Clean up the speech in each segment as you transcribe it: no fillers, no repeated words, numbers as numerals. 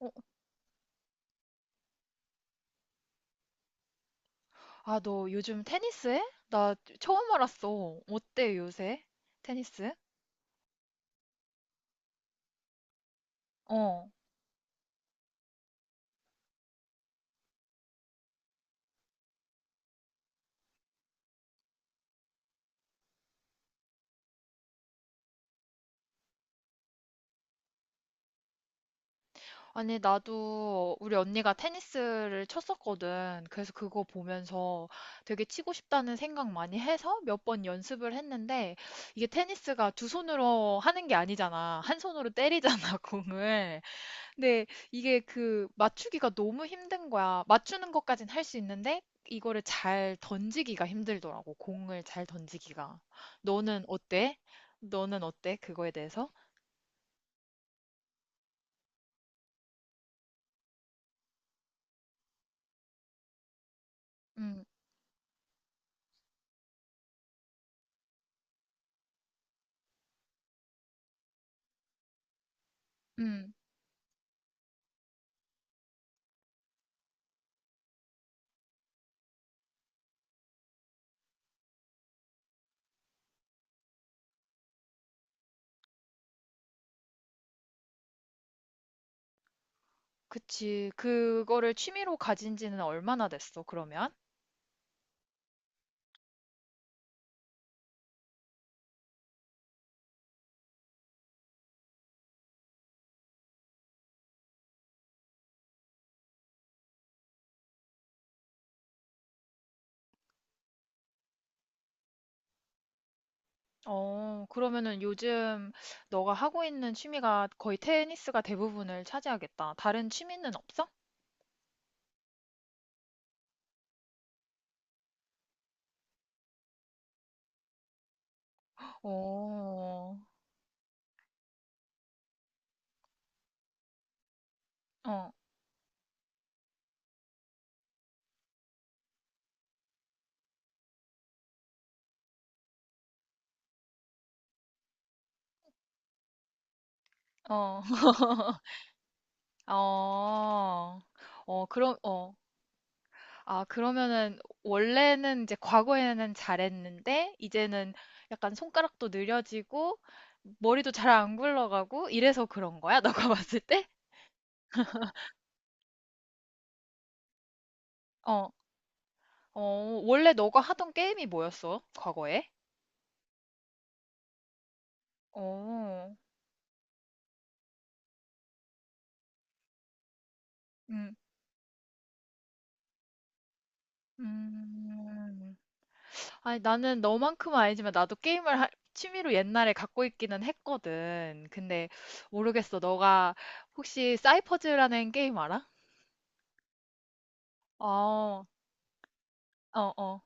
어, 아, 너 요즘 테니스 해? 나 처음 알았어. 어때, 요새? 테니스? 어. 아니, 나도 우리 언니가 테니스를 쳤었거든. 그래서 그거 보면서 되게 치고 싶다는 생각 많이 해서 몇 번 연습을 했는데, 이게 테니스가 두 손으로 하는 게 아니잖아. 한 손으로 때리잖아, 공을. 근데 이게 그 맞추기가 너무 힘든 거야. 맞추는 것까진 할 수 있는데 이거를 잘 던지기가 힘들더라고. 공을 잘 던지기가. 너는 어때? 너는 어때? 그거에 대해서? 음, 음, 그치. 그거를 취미로 가진 지는 얼마나 됐어, 그러면? 어, 그러면은 요즘 너가 하고 있는 취미가 거의 테니스가 대부분을 차지하겠다. 다른 취미는 없어? 어, 어, 어. 어, 어, 그럼, 어, 아, 그러면은, 원래는 이제 과거에는 잘했는데, 이제는 약간 손가락도 느려지고, 머리도 잘 안 굴러가고, 이래서 그런 거야? 너가 봤을 때? 어, 어, 원래 너가 하던 게임이 뭐였어? 과거에? 어, 음, 음. 아니, 나는 너만큼은 아니지만, 나도 취미로 옛날에 갖고 있기는 했거든. 근데, 모르겠어. 너가 혹시 사이퍼즈라는 게임 알아? 아, 어, 어.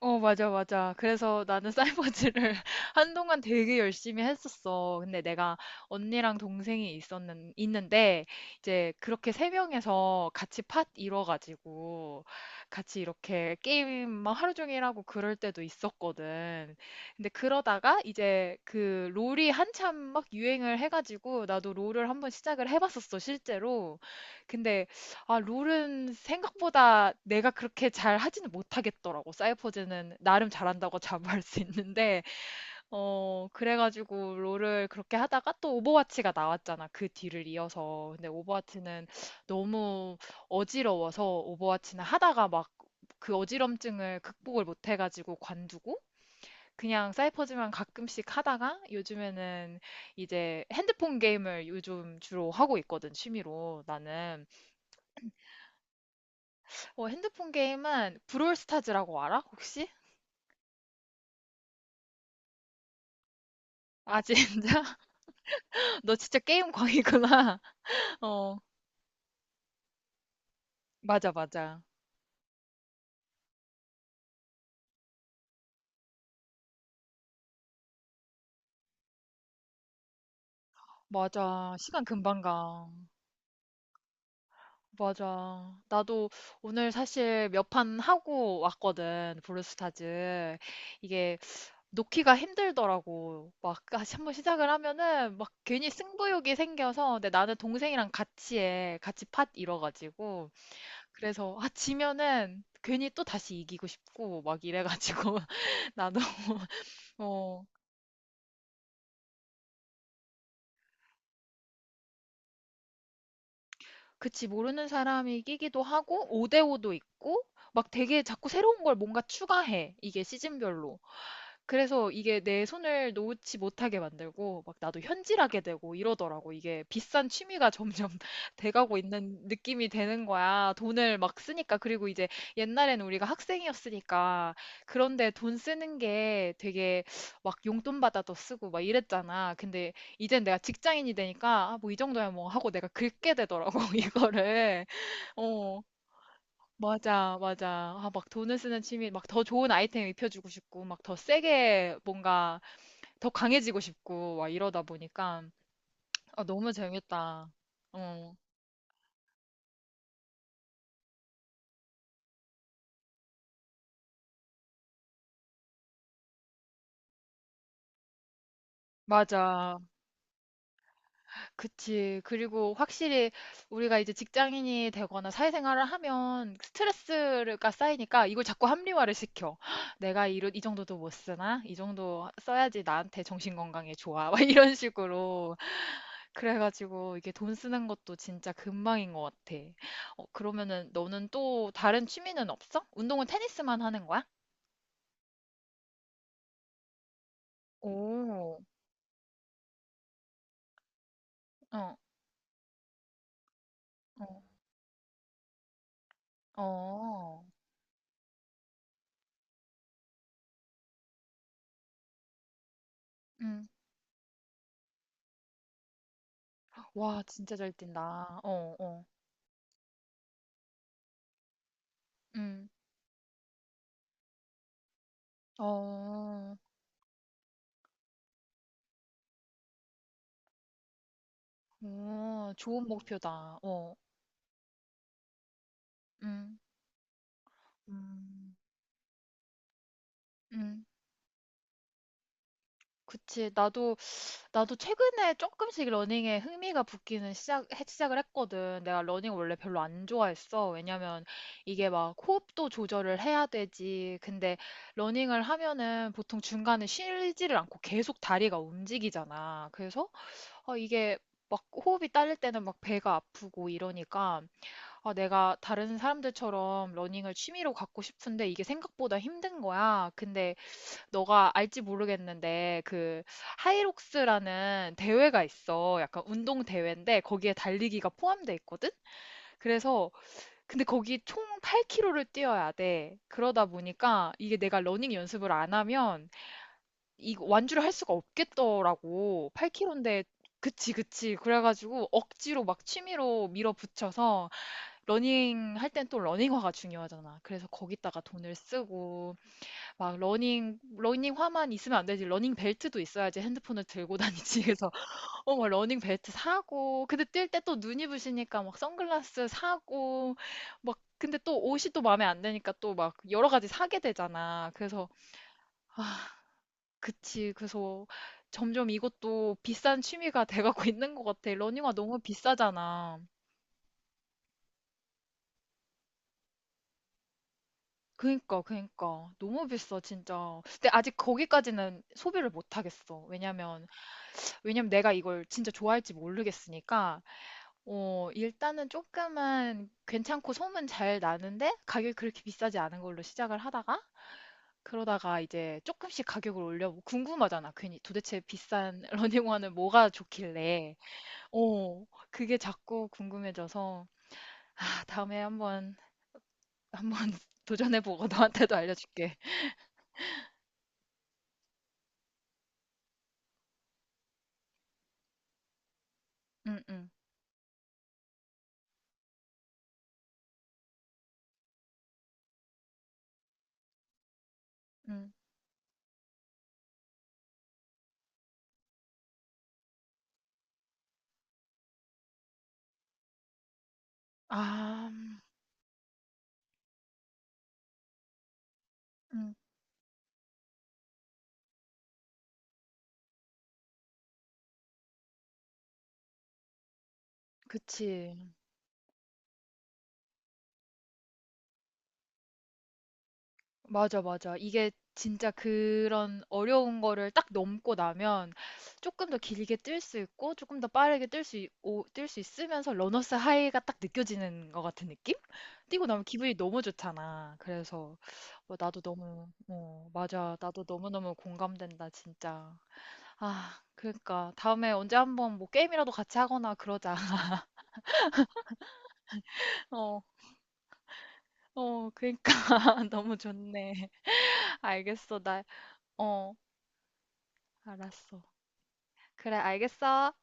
어, 맞아, 맞아. 그래서 나는 사이버즈를 한동안 되게 열심히 했었어. 근데 내가 언니랑 있는데, 이제 그렇게 세 명에서 같이 팟 이뤄가지고, 같이 이렇게 게임 막 하루 종일 하고 그럴 때도 있었거든. 근데 그러다가 이제 그 롤이 한참 막 유행을 해가지고, 나도 롤을 한번 시작을 해봤었어, 실제로. 근데 아, 롤은 생각보다 내가 그렇게 잘 하지는 못하겠더라고. 사이퍼즈는 나름 잘한다고 자부할 수 있는데, 어, 그래가지고 롤을 그렇게 하다가 또 오버워치가 나왔잖아. 그 뒤를 이어서. 근데 오버워치는 너무 어지러워서 오버워치는 하다가 막 그 어지럼증을 극복을 못해가지고 관두고, 그냥 사이퍼즈만 가끔씩 하다가 요즘에는 이제 핸드폰 게임을 요즘 주로 하고 있거든, 취미로 나는. 어, 핸드폰 게임은 브롤스타즈라고 알아? 혹시? 아, 진짜? 너 진짜 게임 광이구나. 어, 맞아, 맞아. 맞아. 시간 금방 가. 맞아. 나도 오늘 사실 몇 판 하고 왔거든, 브롤스타즈. 이게 놓기가 힘들더라고. 막 다시 한번 시작을 하면은 막 괜히 승부욕이 생겨서. 근데 나는 동생이랑 같이 해. 같이 팟 이뤄가지고. 그래서, 아, 지면은 괜히 또 다시 이기고 싶고, 막 이래가지고. 나도 어, 그치. 모르는 사람이 끼기도 하고 5대5도 있고, 막 되게 자꾸 새로운 걸 뭔가 추가해. 이게 시즌별로. 그래서 이게 내 손을 놓지 못하게 만들고, 막 나도 현질하게 되고 이러더라고. 이게 비싼 취미가 점점 돼가고 있는 느낌이 되는 거야. 돈을 막 쓰니까. 그리고 이제 옛날에는 우리가 학생이었으니까, 그런데 돈 쓰는 게 되게 막 용돈 받아도 쓰고 막 이랬잖아. 근데 이젠 내가 직장인이 되니까, 아, 뭐 이 정도야 뭐 하고 내가 긁게 되더라고. 이거를. 어, 맞아, 맞아. 아, 막 돈을 쓰는 취미. 막 더 좋은 아이템 입혀주고 싶고, 막 더 세게 뭔가 더 강해지고 싶고, 막 이러다 보니까. 아, 너무 재밌다. 어. 맞아. 그치. 그리고 확실히 우리가 이제 직장인이 되거나 사회생활을 하면 스트레스가 쌓이니까 이걸 자꾸 합리화를 시켜. 내가 이런, 이 정도도 못 쓰나? 이 정도 써야지 나한테 정신건강에 좋아. 막 이런 식으로. 그래가지고 이게 돈 쓰는 것도 진짜 금방인 것 같아. 어, 그러면은 너는 또 다른 취미는 없어? 운동은 테니스만 하는 거야? 오, 어, 어, 어. 음. 와, 진짜 잘 뛴다. 어, 어. 음. 어, 어, 좋은 목표다. 어, 음, 음, 음. 그치. 나도, 나도 최근에 조금씩 러닝에 흥미가 붙기는 시작을 했거든. 내가 러닝 원래 별로 안 좋아했어. 왜냐면 이게 막 호흡도 조절을 해야 되지. 근데 러닝을 하면은 보통 중간에 쉬지를 않고 계속 다리가 움직이잖아. 그래서, 어, 이게 막 호흡이 딸릴 때는 막 배가 아프고 이러니까, 아, 내가 다른 사람들처럼 러닝을 취미로 갖고 싶은데 이게 생각보다 힘든 거야. 근데 너가 알지 모르겠는데 그 하이록스라는 대회가 있어. 약간 운동 대회인데 거기에 달리기가 포함돼 있거든? 그래서, 근데 거기 총 8km를 뛰어야 돼. 그러다 보니까 이게 내가 러닝 연습을 안 하면 이 완주를 할 수가 없겠더라고. 8km인데. 그치, 그치. 그래가지고 억지로 막 취미로 밀어붙여서 러닝 할 땐 또 러닝화가 중요하잖아. 그래서 거기다가 돈을 쓰고. 막 러닝화만 있으면 안 되지. 러닝 벨트도 있어야지. 핸드폰을 들고 다니지. 그래서 어막 러닝 벨트 사고. 근데 뛸 때 또 눈이 부시니까 막 선글라스 사고, 막 근데 또 옷이 또 마음에 안 드니까 또 막 여러 가지 사게 되잖아. 그래서 아, 그치. 그래서 점점 이것도 비싼 취미가 돼가고 있는 것 같아. 러닝화 너무 비싸잖아. 그니까, 그니까. 너무 비싸, 진짜. 근데 아직 거기까지는 소비를 못 하겠어. 왜냐면, 왜냐면 내가 이걸 진짜 좋아할지 모르겠으니까, 어, 일단은 조금은 괜찮고 소문 잘 나는데, 가격이 그렇게 비싸지 않은 걸로 시작을 하다가, 그러다가 이제 조금씩 가격을 올려. 궁금하잖아. 괜히 도대체 비싼 러닝화는 뭐가 좋길래. 어, 그게 자꾸 궁금해져서, 아, 다음에 한번, 한번 도전해보고 너한테도 알려줄게. 응, 응, 응. 아, 음, 그치. 맞아, 맞아. 이게 진짜 그런 어려운 거를 딱 넘고 나면 조금 더 길게 뛸 수 있고 조금 더 빠르게 뛸 수 있으면서 러너스 하이가 딱 느껴지는 것 같은 느낌? 뛰고 나면 기분이 너무 좋잖아. 그래서 뭐 나도 너무, 어, 맞아. 나도 너무너무 공감된다, 진짜. 아, 그러니까 다음에 언제 한번 뭐 게임이라도 같이 하거나 그러자. 어, 어, 그러니까 너무 좋네. 알겠어. 나, 어, 알았어. 그래, 알겠어.